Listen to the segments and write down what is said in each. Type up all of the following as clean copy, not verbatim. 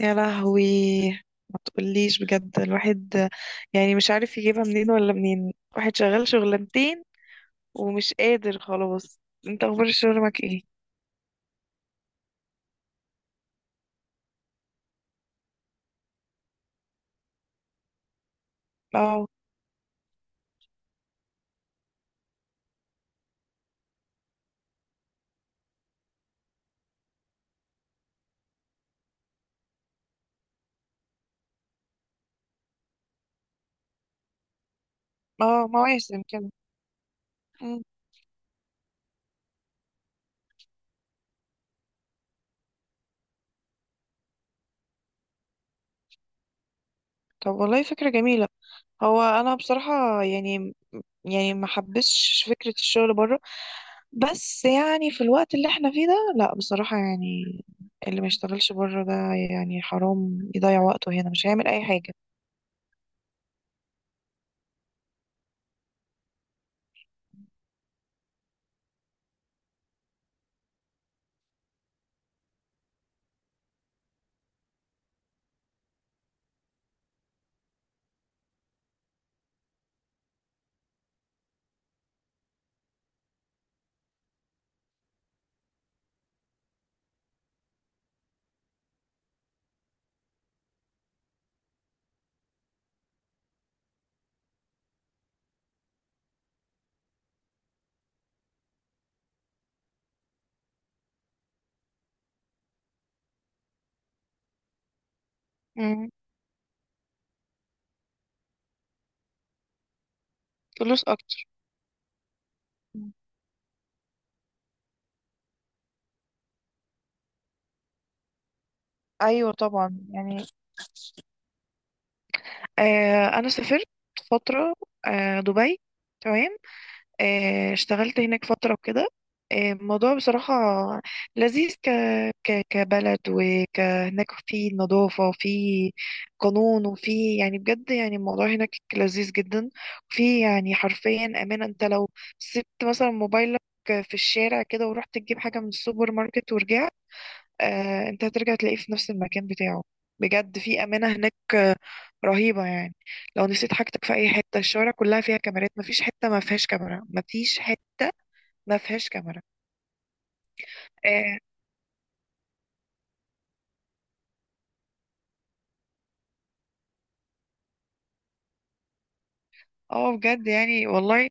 يا لهوي، ما تقوليش بجد. الواحد مش عارف يجيبها منين ولا منين. واحد شغال شغلانتين ومش قادر خلاص. انت اخبار الشغل معاك ايه؟ اه. اه، مواسم كده. مم. طب والله فكرة جميلة. هو انا بصراحة يعني، ما حبسش فكرة الشغل بره. بس يعني في الوقت اللي احنا فيه ده لا بصراحة يعني. اللي ما يشتغلش بره ده يعني حرام يضيع وقته هنا، مش هيعمل اي حاجة. مم. فلوس اكتر. ايوه طبعا يعني. انا سافرت فتره. دبي. تمام. اشتغلت هناك فتره وكده. الموضوع بصراحه لذيذ. ك ك كبلد، هناك في نظافه وفي قانون، وفي يعني بجد يعني الموضوع هناك لذيذ جدا. في يعني حرفيا امان. انت لو سبت مثلا موبايلك في الشارع كده ورحت تجيب حاجه من السوبر ماركت ورجعت، انت هترجع تلاقيه في نفس المكان بتاعه. بجد في أمانة هناك، رهيبة يعني. لو نسيت حاجتك في أي حتة، الشوارع كلها فيها كاميرات. مفيش حتة ما فيهاش كاميرا، مفيش حتة ما فيهاش كاميرا. اه. بجد يعني والله.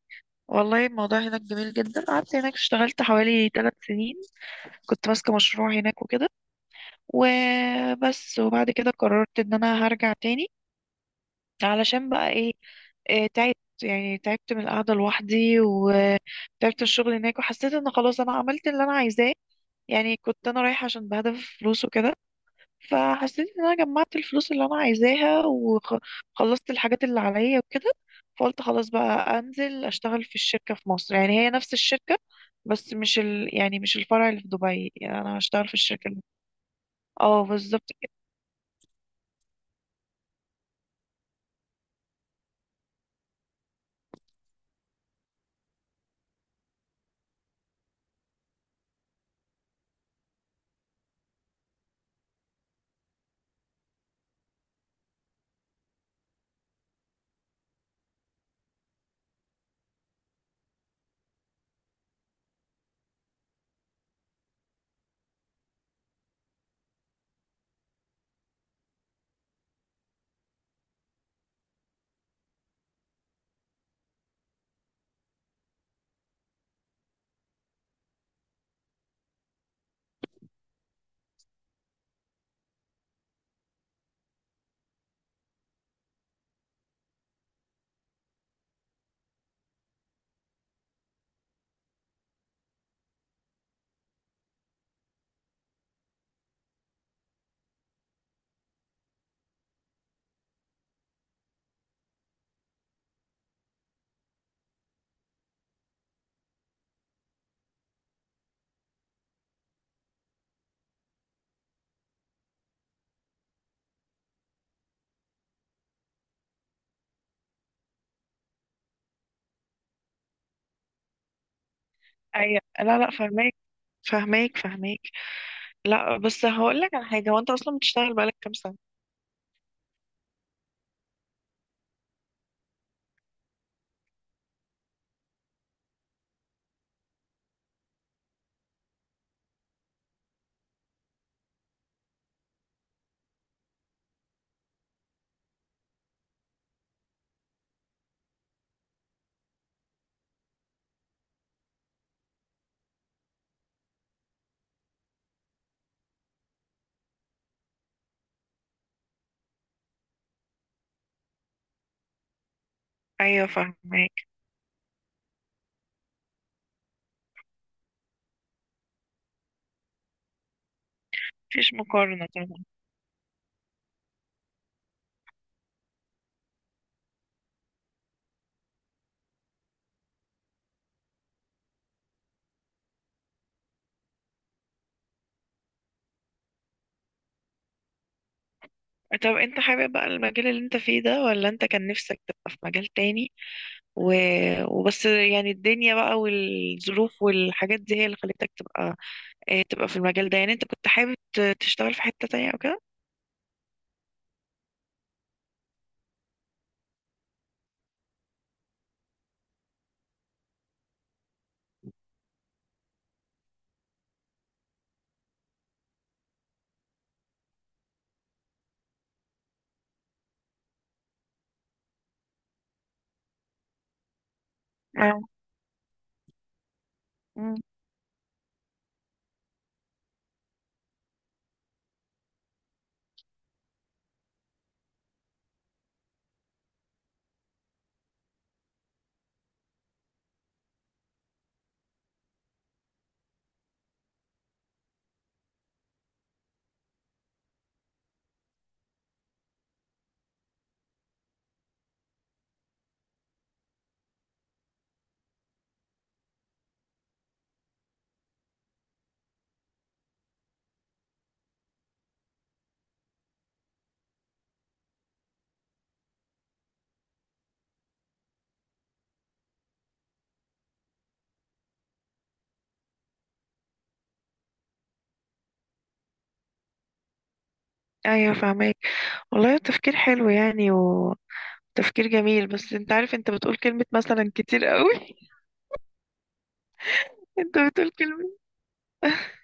والله الموضوع هناك جميل جدا. قعدت هناك اشتغلت حوالي 3 سنين، كنت ماسكة مشروع هناك وكده. وبس، وبعد كده قررت ان انا هرجع تاني. علشان بقى ايه؟ تعبت. يعني تعبت من القعدة لوحدي وتعبت الشغل هناك، وحسيت ان خلاص انا عملت اللي انا عايزاه. يعني كنت انا رايحة عشان بهدف فلوس وكده. فحسيت ان انا جمعت الفلوس اللي انا عايزاها وخلصت الحاجات اللي عليا وكده. فقلت خلاص بقى انزل اشتغل في الشركة في مصر. يعني هي نفس الشركة، بس مش يعني مش الفرع اللي في دبي. يعني انا هشتغل في الشركة اللي... اه بالظبط كده. أيوة. لا، لا فهماك، فهماك فهماك. لا بس هقول لك على حاجة. هو انت اصلا بتشتغل بقالك كام سنة؟ ايوه فاهمك. مفيش مقارنة طبعا. طب انت حابب بقى المجال اللي انت فيه ده ولا انت كان نفسك تبقى في مجال تاني و... وبس؟ يعني الدنيا بقى والظروف والحاجات دي هي اللي خلتك تبقى، اه، تبقى في المجال ده. يعني انت كنت حابب تشتغل في حتة تانية او كده؟ اه. مم. ايوه فاهمك. والله تفكير حلو يعني، وتفكير جميل. بس انت عارف انت بتقول كلمة مثلا كتير قوي. انت بتقول كلمة.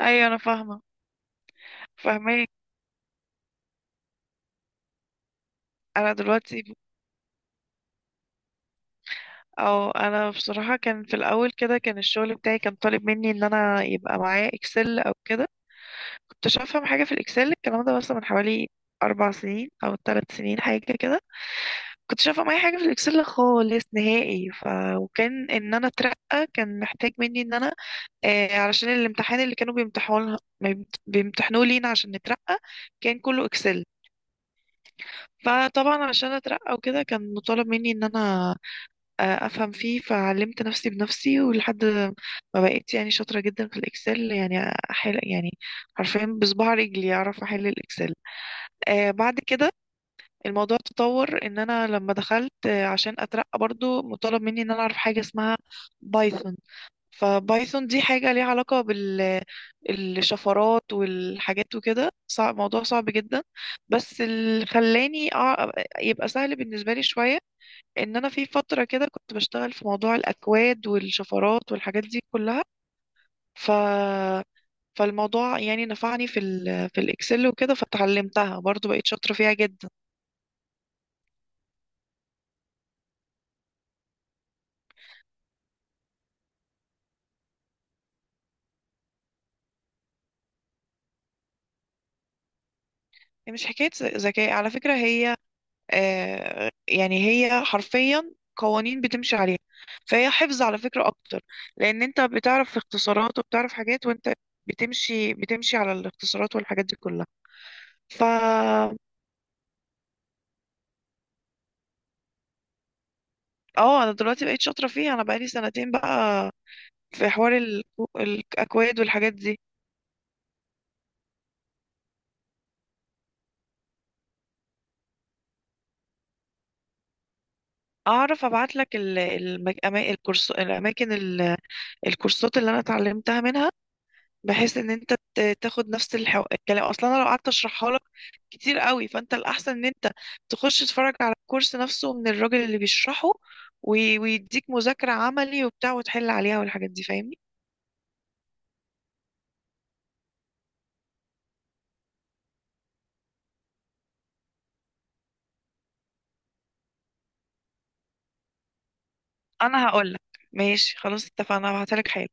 ايوه انا فاهمة. فاهمك. انا دلوقتي، او انا بصراحة كان في الاول كده كان الشغل بتاعي كان طالب مني ان انا يبقى معايا اكسل او كده. كنتش افهم حاجة في الاكسل، الكلام ده مثلا من حوالي 4 سنين او 3 سنين حاجة كده. كنتش افهم اي حاجة في الاكسل خالص نهائي. وكان ان انا اترقى كان محتاج مني ان انا علشان الامتحان اللي كانوا بيمتحنوه لينا عشان نترقى كان كله اكسل. فطبعا عشان اترقى وكده كان مطالب مني ان انا افهم فيه. فعلمت نفسي بنفسي ولحد ما بقيت يعني شاطره جدا في الاكسل. يعني احل يعني حرفيا بصباع رجلي اعرف احل الاكسل. بعد كده الموضوع تطور ان انا لما دخلت، عشان اترقى برضو مطالب مني ان انا اعرف حاجه اسمها بايثون. فبايثون دي حاجه ليها علاقه الشفرات والحاجات وكده. صعب، موضوع صعب جدا. بس اللي خلاني يبقى سهل بالنسبه لي شويه ان انا في فتره كده كنت بشتغل في موضوع الاكواد والشفرات والحاجات دي كلها. ف فالموضوع يعني نفعني في الاكسل وكده، فتعلمتها برضو بقيت شاطره فيها جدا. هي مش حكايه ذكاء على فكره. هي يعني هي حرفيا قوانين بتمشي عليها. فهي حفظ على فكره اكتر. لان انت بتعرف اختصارات وبتعرف حاجات، وانت بتمشي بتمشي على الاختصارات والحاجات دي كلها. ف اه انا دلوقتي بقيت شاطره فيها. انا بقالي سنتين بقى في حوار الأكواد والحاجات دي. أعرف أبعت لك الأماكن، الكورسات اللي أنا اتعلمتها منها. بحيث إن أنت تاخد نفس الكلام. أصلا أنا لو قعدت أشرحها لك كتير قوي، فأنت الأحسن إن أنت تخش تتفرج على الكورس نفسه من الراجل اللي بيشرحه، ويديك مذاكرة عملي وبتاع وتحل عليها والحاجات دي فاهمني. أنا هقول لك، ماشي خلاص اتفقنا. هبعتها لك حالا.